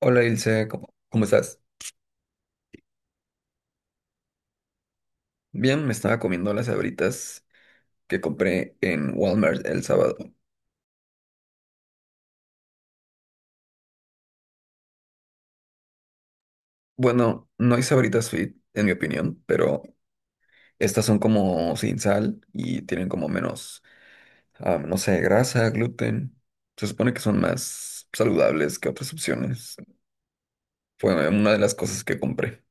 Hola Ilse, ¿cómo estás? Bien, me estaba comiendo las sabritas que compré en Walmart el sábado. Bueno, no hay sabritas fit, en mi opinión, pero estas son como sin sal y tienen como menos, no sé, grasa, gluten. Se supone que son más saludables que otras opciones. Fue una de las cosas que compré.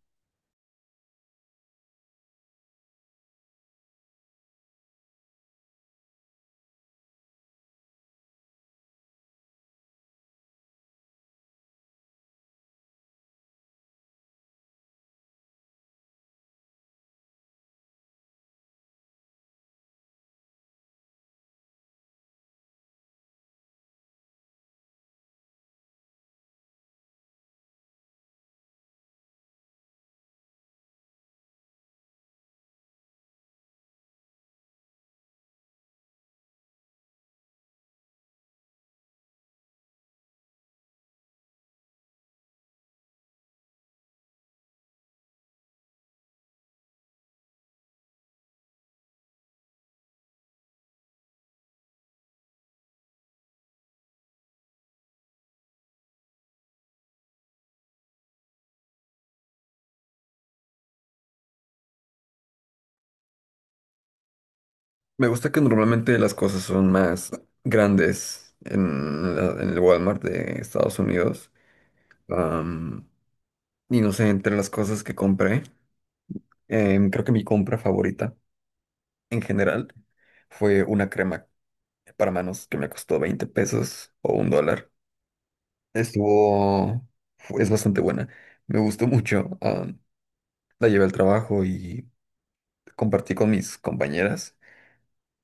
Me gusta que normalmente las cosas son más grandes en el Walmart de Estados Unidos. Am, y no sé, entre las cosas que compré. Creo que mi compra favorita en general fue una crema para manos que me costó 20 pesos o $1. Estuvo, es bastante buena. Me gustó mucho. La llevé al trabajo y compartí con mis compañeras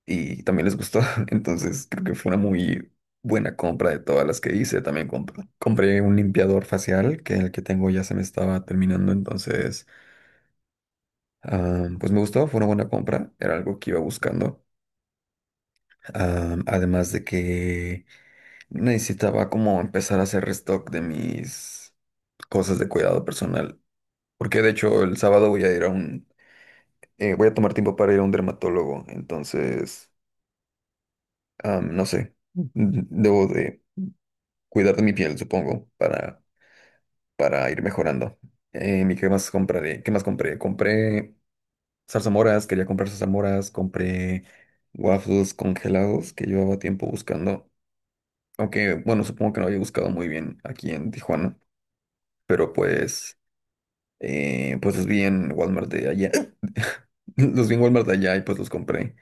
y también les gustó. Entonces creo que fue una muy buena compra de todas las que hice. También compré un limpiador facial que el que tengo ya se me estaba terminando. Entonces, pues me gustó. Fue una buena compra. Era algo que iba buscando. Además de que necesitaba como empezar a hacer restock de mis cosas de cuidado personal. Porque de hecho el sábado voy a ir a un... voy a tomar tiempo para ir a un dermatólogo. Entonces, no sé. Debo de cuidar de mi piel, supongo, para ir mejorando. ¿Y qué más compraré? ¿Qué más compré? Compré zarzamoras, quería comprar zarzamoras, compré waffles congelados que llevaba tiempo buscando. Aunque, bueno, supongo que no había buscado muy bien aquí en Tijuana, pero pues, pues los vi en Walmart de allá. Los vi en Walmart de allá y pues los compré.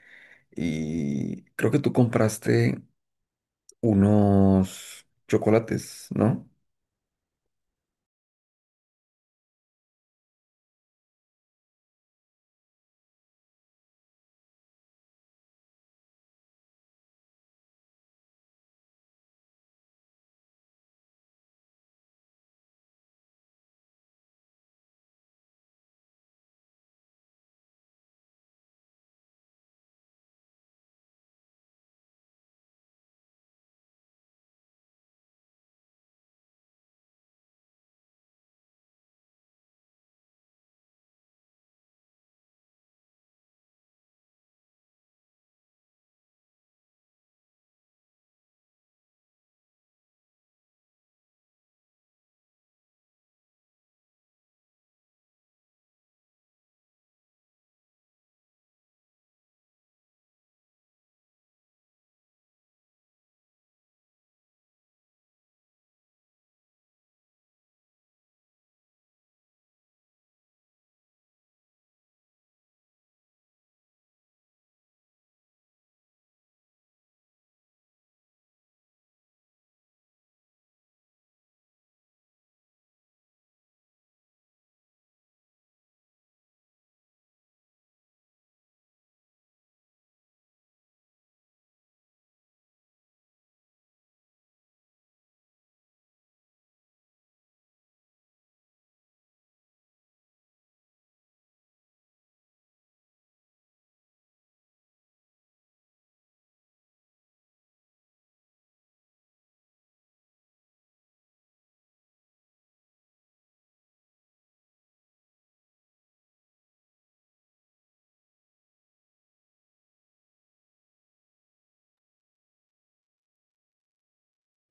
Y creo que tú compraste unos chocolates, ¿no?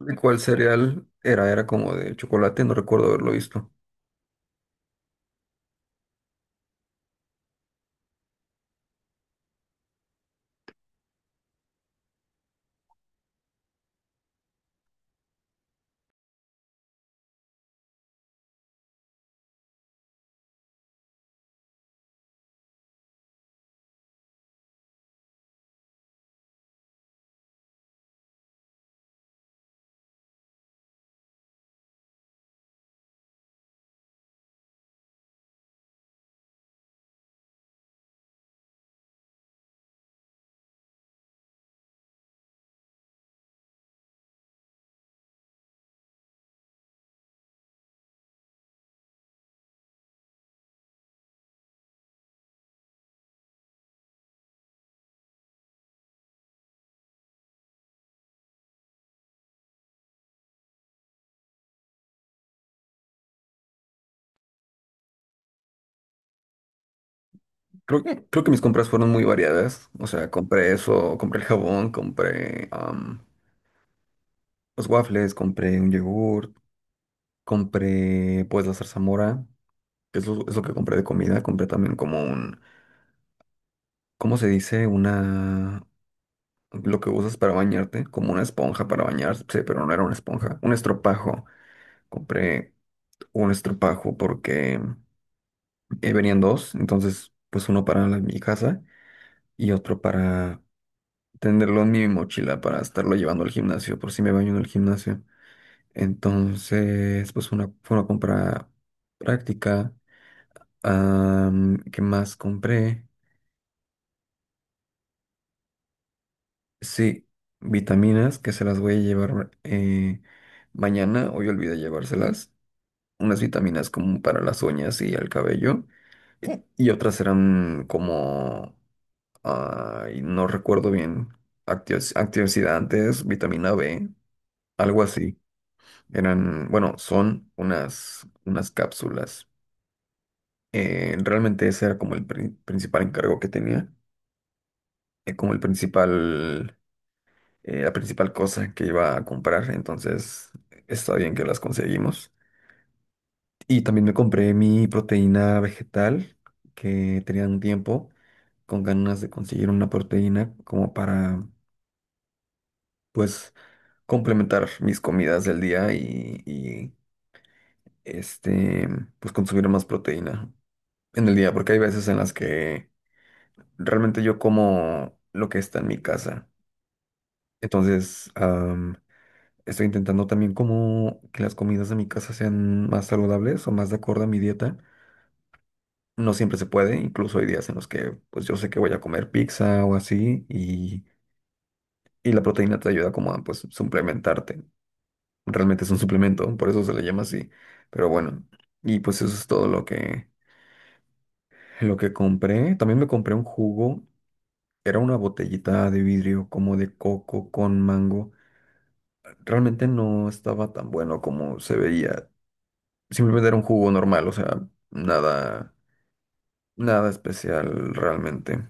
¿Cuál cereal era? Era como de chocolate, no recuerdo haberlo visto. Creo que mis compras fueron muy variadas. O sea, compré eso, compré el jabón, los waffles, compré un yogurt, compré pues la zarzamora. Es lo que compré de comida. Compré también ¿cómo se dice? Lo que usas para bañarte, como una esponja para bañarse, pero no era una esponja, un estropajo. Compré un estropajo porque venían 2, entonces pues uno para mi casa y otro para tenerlo en mi mochila para estarlo llevando al gimnasio, por si me baño en el gimnasio. Entonces, fue una compra práctica. ¿Qué más compré? Sí, vitaminas que se las voy a llevar mañana. Hoy olvidé llevárselas. Unas vitaminas como para las uñas y el cabello. Y otras eran no recuerdo bien, antioxidantes, vitamina B, algo así. Son unas cápsulas. Realmente ese era como el principal encargo que tenía. Como el principal la principal cosa que iba a comprar, entonces está bien que las conseguimos. Y también me compré mi proteína vegetal, que tenía un tiempo con ganas de conseguir una proteína como para, pues, complementar mis comidas del día y, este, pues, consumir más proteína en el día, porque hay veces en las que realmente yo como lo que está en mi casa. Entonces, estoy intentando también como que las comidas de mi casa sean más saludables o más de acuerdo a mi dieta. No siempre se puede, incluso hay días en los que pues yo sé que voy a comer pizza o y la proteína te ayuda como a pues suplementarte. Realmente es un suplemento, por eso se le llama así. Pero bueno, y pues eso es todo lo que compré. También me compré un jugo, era una botellita de vidrio como de coco con mango. Realmente no estaba tan bueno como se veía. Simplemente era un jugo normal, o sea, nada, nada especial realmente.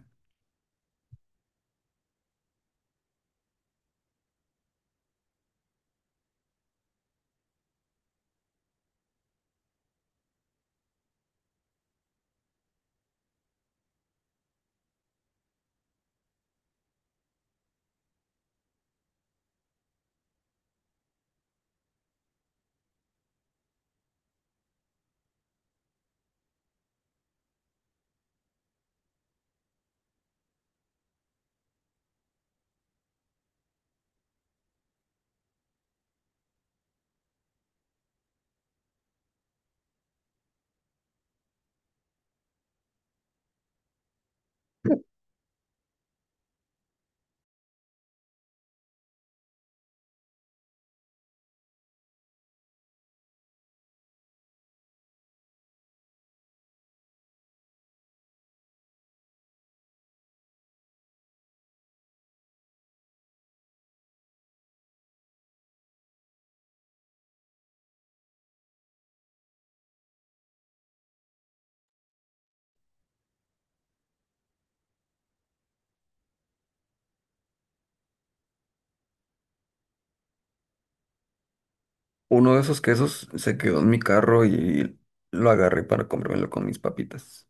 Uno de esos quesos se quedó en mi carro y lo agarré para comérmelo con mis papitas.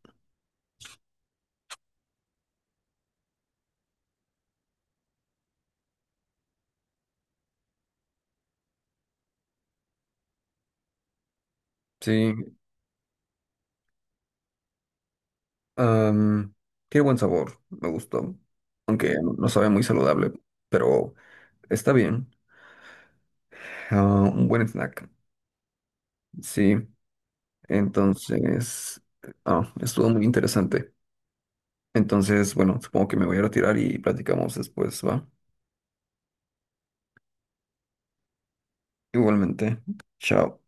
Sí, am, tiene buen sabor, me gustó. Aunque no sabe muy saludable, pero está bien. Ah, un buen snack. Sí, entonces, estuvo muy interesante. Entonces, bueno, supongo que me voy a retirar y platicamos después, ¿va? Igualmente, chao.